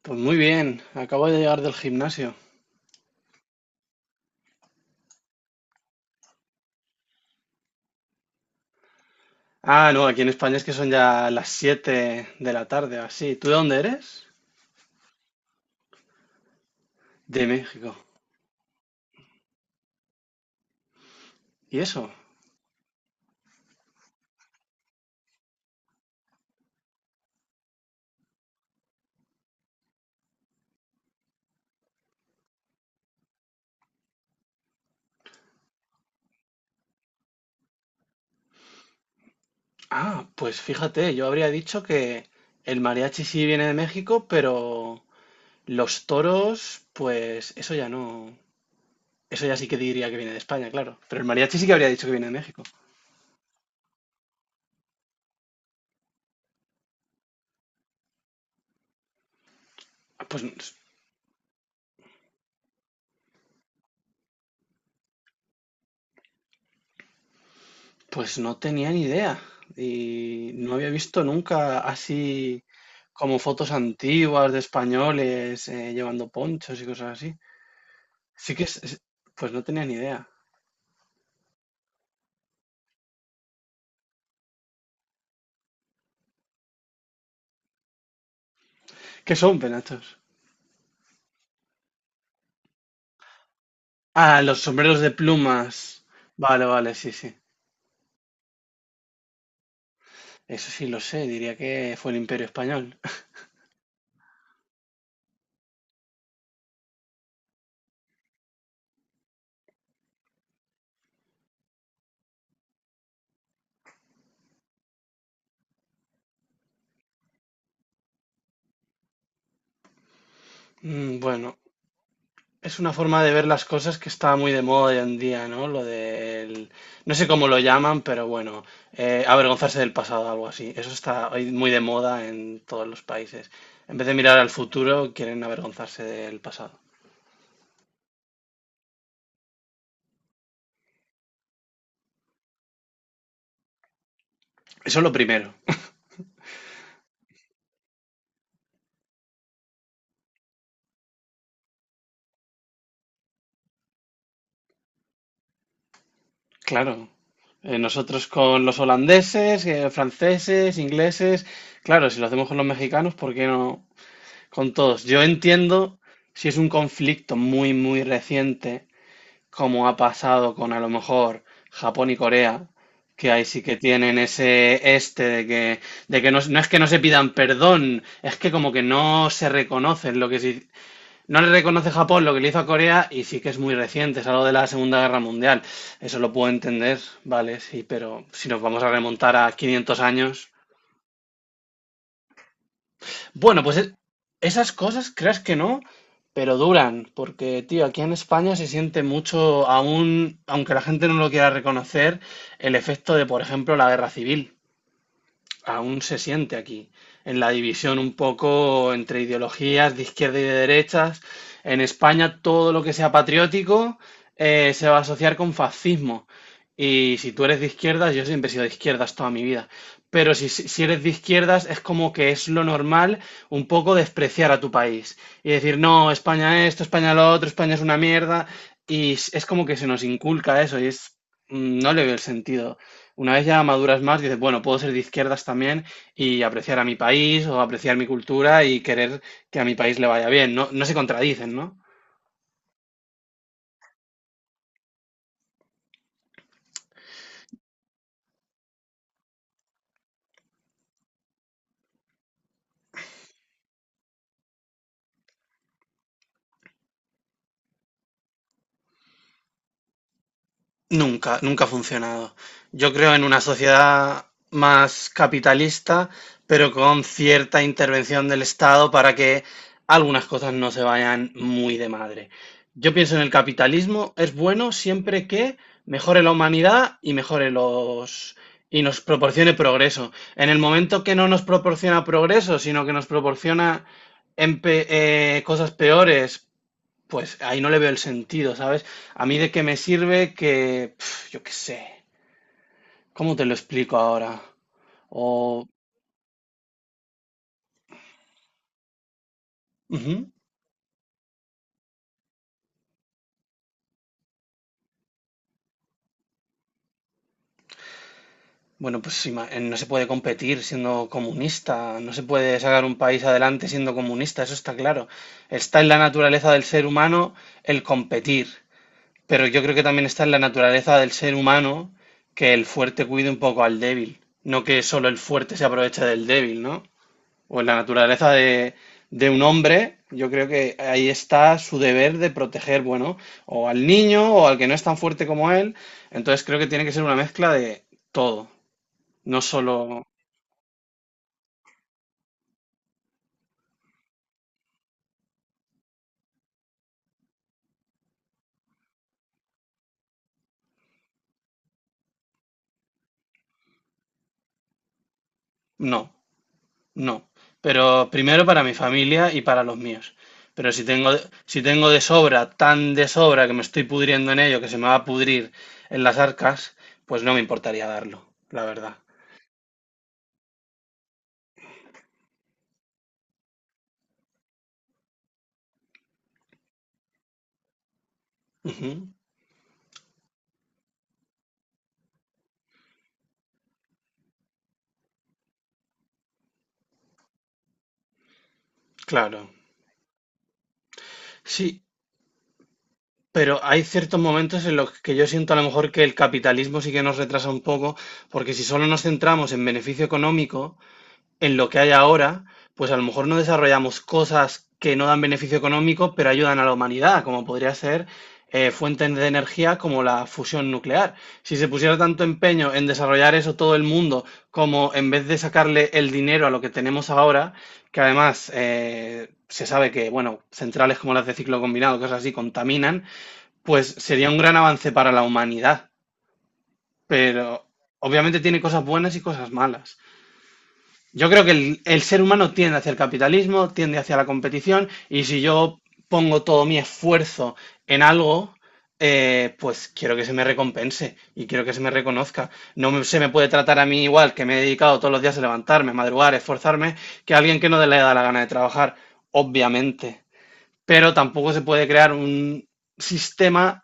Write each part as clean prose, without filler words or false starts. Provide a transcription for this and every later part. Pues muy bien, acabo de llegar del gimnasio. Ah, no, aquí en España es que son ya las 7 de la tarde, o así. ¿Tú de dónde eres? De México. ¿Y eso? Ah, pues fíjate, yo habría dicho que el mariachi sí viene de México, pero los toros, pues eso ya no. Eso ya sí que diría que viene de España, claro. Pero el mariachi sí que habría dicho que viene de México. Ah, pues no tenía ni idea y no había visto nunca así como fotos antiguas de españoles llevando ponchos y cosas así. Sí que es, pues no tenía ni idea. ¿Qué son penachos? Ah, los sombreros de plumas. Vale, vale, sí, sí. Eso sí lo sé, diría que fue el Imperio Español. Bueno, es una forma de ver las cosas que está muy de moda hoy en día, ¿no? Lo del, no sé cómo lo llaman, pero bueno, avergonzarse del pasado, algo así. Eso está hoy muy de moda en todos los países. En vez de mirar al futuro, quieren avergonzarse del pasado. Eso es lo primero. Claro. Nosotros con los holandeses, franceses, ingleses, claro, si lo hacemos con los mexicanos, ¿por qué no con todos? Yo entiendo si es un conflicto muy, muy reciente, como ha pasado con a lo mejor Japón y Corea, que ahí sí que tienen ese este de que no, no es que no se pidan perdón, es que como que no se reconocen lo que sí, no le reconoce Japón lo que le hizo a Corea y sí que es muy reciente, es algo de la Segunda Guerra Mundial. Eso lo puedo entender, vale, sí, pero si nos vamos a remontar a 500 años, bueno, pues esas cosas, creas que no, pero duran, porque, tío, aquí en España se siente mucho, aún, aunque la gente no lo quiera reconocer, el efecto de, por ejemplo, la guerra civil aún se siente aquí, en la división un poco entre ideologías de izquierda y de derechas. En España todo lo que sea patriótico se va a asociar con fascismo. Y si tú eres de izquierdas, yo siempre he sido de izquierdas toda mi vida, pero si eres de izquierdas es como que es lo normal un poco despreciar a tu país y decir, no, España esto, España lo otro, España es una mierda. Y es como que se nos inculca eso y es, no le veo el sentido. Una vez ya maduras más, dices, bueno, puedo ser de izquierdas también y apreciar a mi país o apreciar mi cultura y querer que a mi país le vaya bien. No, no se contradicen, ¿no? Nunca, nunca ha funcionado. Yo creo en una sociedad más capitalista, pero con cierta intervención del Estado para que algunas cosas no se vayan muy de madre. Yo pienso en el capitalismo, es bueno siempre que mejore la humanidad y mejore los y nos proporcione progreso. En el momento que no nos proporciona progreso, sino que nos proporciona cosas peores, pues ahí no le veo el sentido, ¿sabes? A mí de qué me sirve que, pf, yo qué sé, ¿cómo te lo explico ahora? O, ujú, bueno, pues no se puede competir siendo comunista, no se puede sacar un país adelante siendo comunista, eso está claro. Está en la naturaleza del ser humano el competir, pero yo creo que también está en la naturaleza del ser humano que el fuerte cuide un poco al débil, no que solo el fuerte se aproveche del débil, ¿no? O en la naturaleza de un hombre, yo creo que ahí está su deber de proteger, bueno, o al niño o al que no es tan fuerte como él. Entonces creo que tiene que ser una mezcla de todo, no solo, no, no. Pero primero para mi familia y para los míos. Pero si tengo de sobra, tan de sobra que me estoy pudriendo en ello, que se me va a pudrir en las arcas, pues no me importaría darlo, la verdad. Ujú, claro. Sí, pero hay ciertos momentos en los que yo siento a lo mejor que el capitalismo sí que nos retrasa un poco, porque si solo nos centramos en beneficio económico, en lo que hay ahora, pues a lo mejor no desarrollamos cosas que no dan beneficio económico, pero ayudan a la humanidad, como podría ser fuentes de energía como la fusión nuclear. Si se pusiera tanto empeño en desarrollar eso todo el mundo, como en vez de sacarle el dinero a lo que tenemos ahora, que además se sabe que, bueno, centrales como las de ciclo combinado, cosas así, contaminan, pues sería un gran avance para la humanidad, pero obviamente tiene cosas buenas y cosas malas. Yo creo que el ser humano tiende hacia el capitalismo, tiende hacia la competición, y si yo pongo todo mi esfuerzo en algo, pues quiero que se me recompense y quiero que se me reconozca. No me- Se me puede tratar a mí igual, que me he dedicado todos los días a levantarme, madrugar, esforzarme, que a alguien que no le da la gana de trabajar, obviamente, pero tampoco se puede crear un sistema.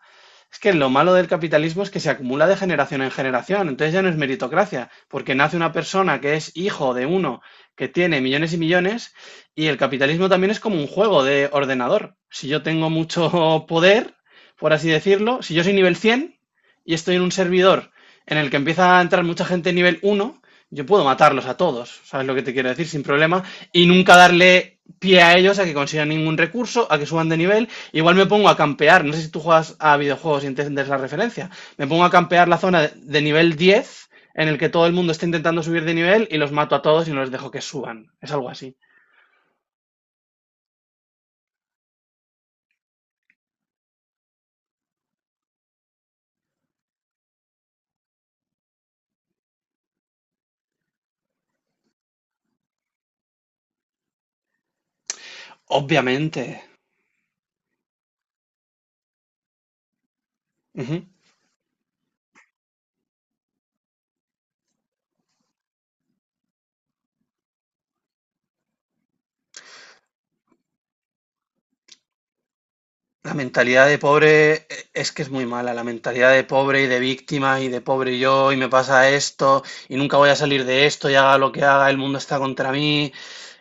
Es que lo malo del capitalismo es que se acumula de generación en generación, entonces ya no es meritocracia, porque nace una persona que es hijo de uno que tiene millones y millones, y el capitalismo también es como un juego de ordenador. Si yo tengo mucho poder, por así decirlo, si yo soy nivel 100 y estoy en un servidor en el que empieza a entrar mucha gente nivel uno, yo puedo matarlos a todos, ¿sabes lo que te quiero decir? Sin problema, y nunca darle pie a ellos a que consigan ningún recurso, a que suban de nivel. Igual me pongo a campear, no sé si tú juegas a videojuegos y entiendes la referencia, me pongo a campear la zona de nivel 10 en el que todo el mundo está intentando subir de nivel y los mato a todos y no les dejo que suban. Es algo así. Obviamente. Ujú. La mentalidad de pobre es que es muy mala, la mentalidad de pobre y de víctima y de pobre yo y me pasa esto y nunca voy a salir de esto y haga lo que haga, el mundo está contra mí.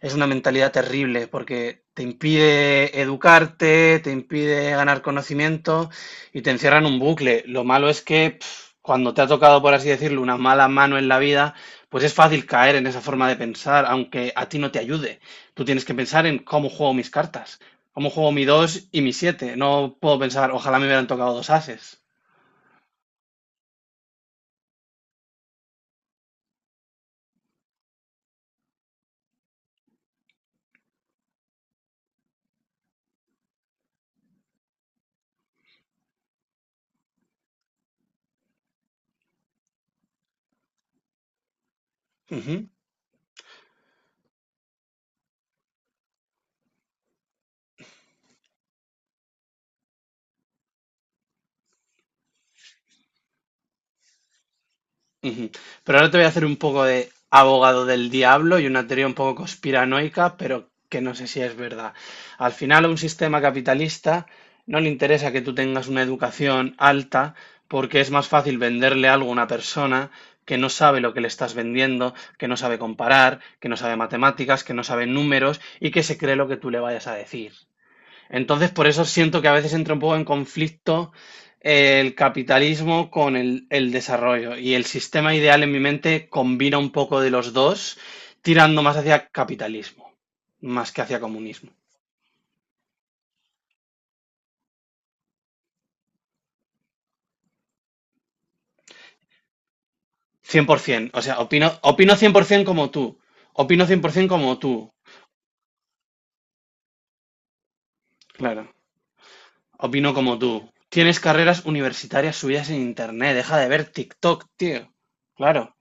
Es una mentalidad terrible porque te impide educarte, te impide ganar conocimiento y te encierra en un bucle. Lo malo es que, pf, cuando te ha tocado, por así decirlo, una mala mano en la vida, pues es fácil caer en esa forma de pensar, aunque a ti no te ayude. Tú tienes que pensar en cómo juego mis cartas. Como juego mi 2 y mi siete. No puedo pensar, ojalá me hubieran tocado dos ases. Ujú, ujú. Pero ahora te voy a hacer un poco de abogado del diablo y una teoría un poco conspiranoica, pero que no sé si es verdad. Al final, a un sistema capitalista no le interesa que tú tengas una educación alta porque es más fácil venderle algo a una persona que no sabe lo que le estás vendiendo, que no sabe comparar, que no sabe matemáticas, que no sabe números y que se cree lo que tú le vayas a decir. Entonces, por eso siento que a veces entra un poco en conflicto el capitalismo con el desarrollo. Y el sistema ideal en mi mente combina un poco de los dos, tirando más hacia capitalismo, más que hacia comunismo. 100%, o sea, opino 100% como tú. Opino 100% como tú. Claro, opino como tú. Tienes carreras universitarias subidas en internet, deja de ver TikTok, tío. Claro,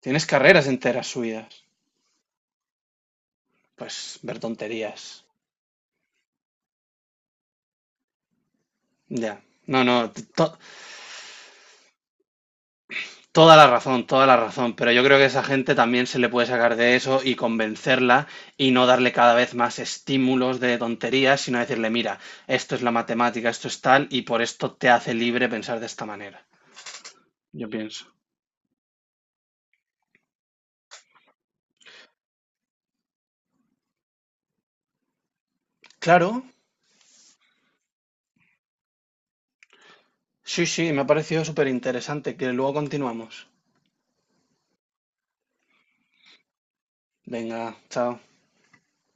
tienes carreras enteras subidas. Pues ver tonterías. Ya. No, no, toda la razón, pero yo creo que esa gente también se le puede sacar de eso y convencerla y no darle cada vez más estímulos de tonterías, sino decirle, mira, esto es la matemática, esto es tal, y por esto te hace libre pensar de esta manera. Yo pienso. Claro, sí, sí, me ha parecido súper interesante, que luego continuamos. Venga, chao.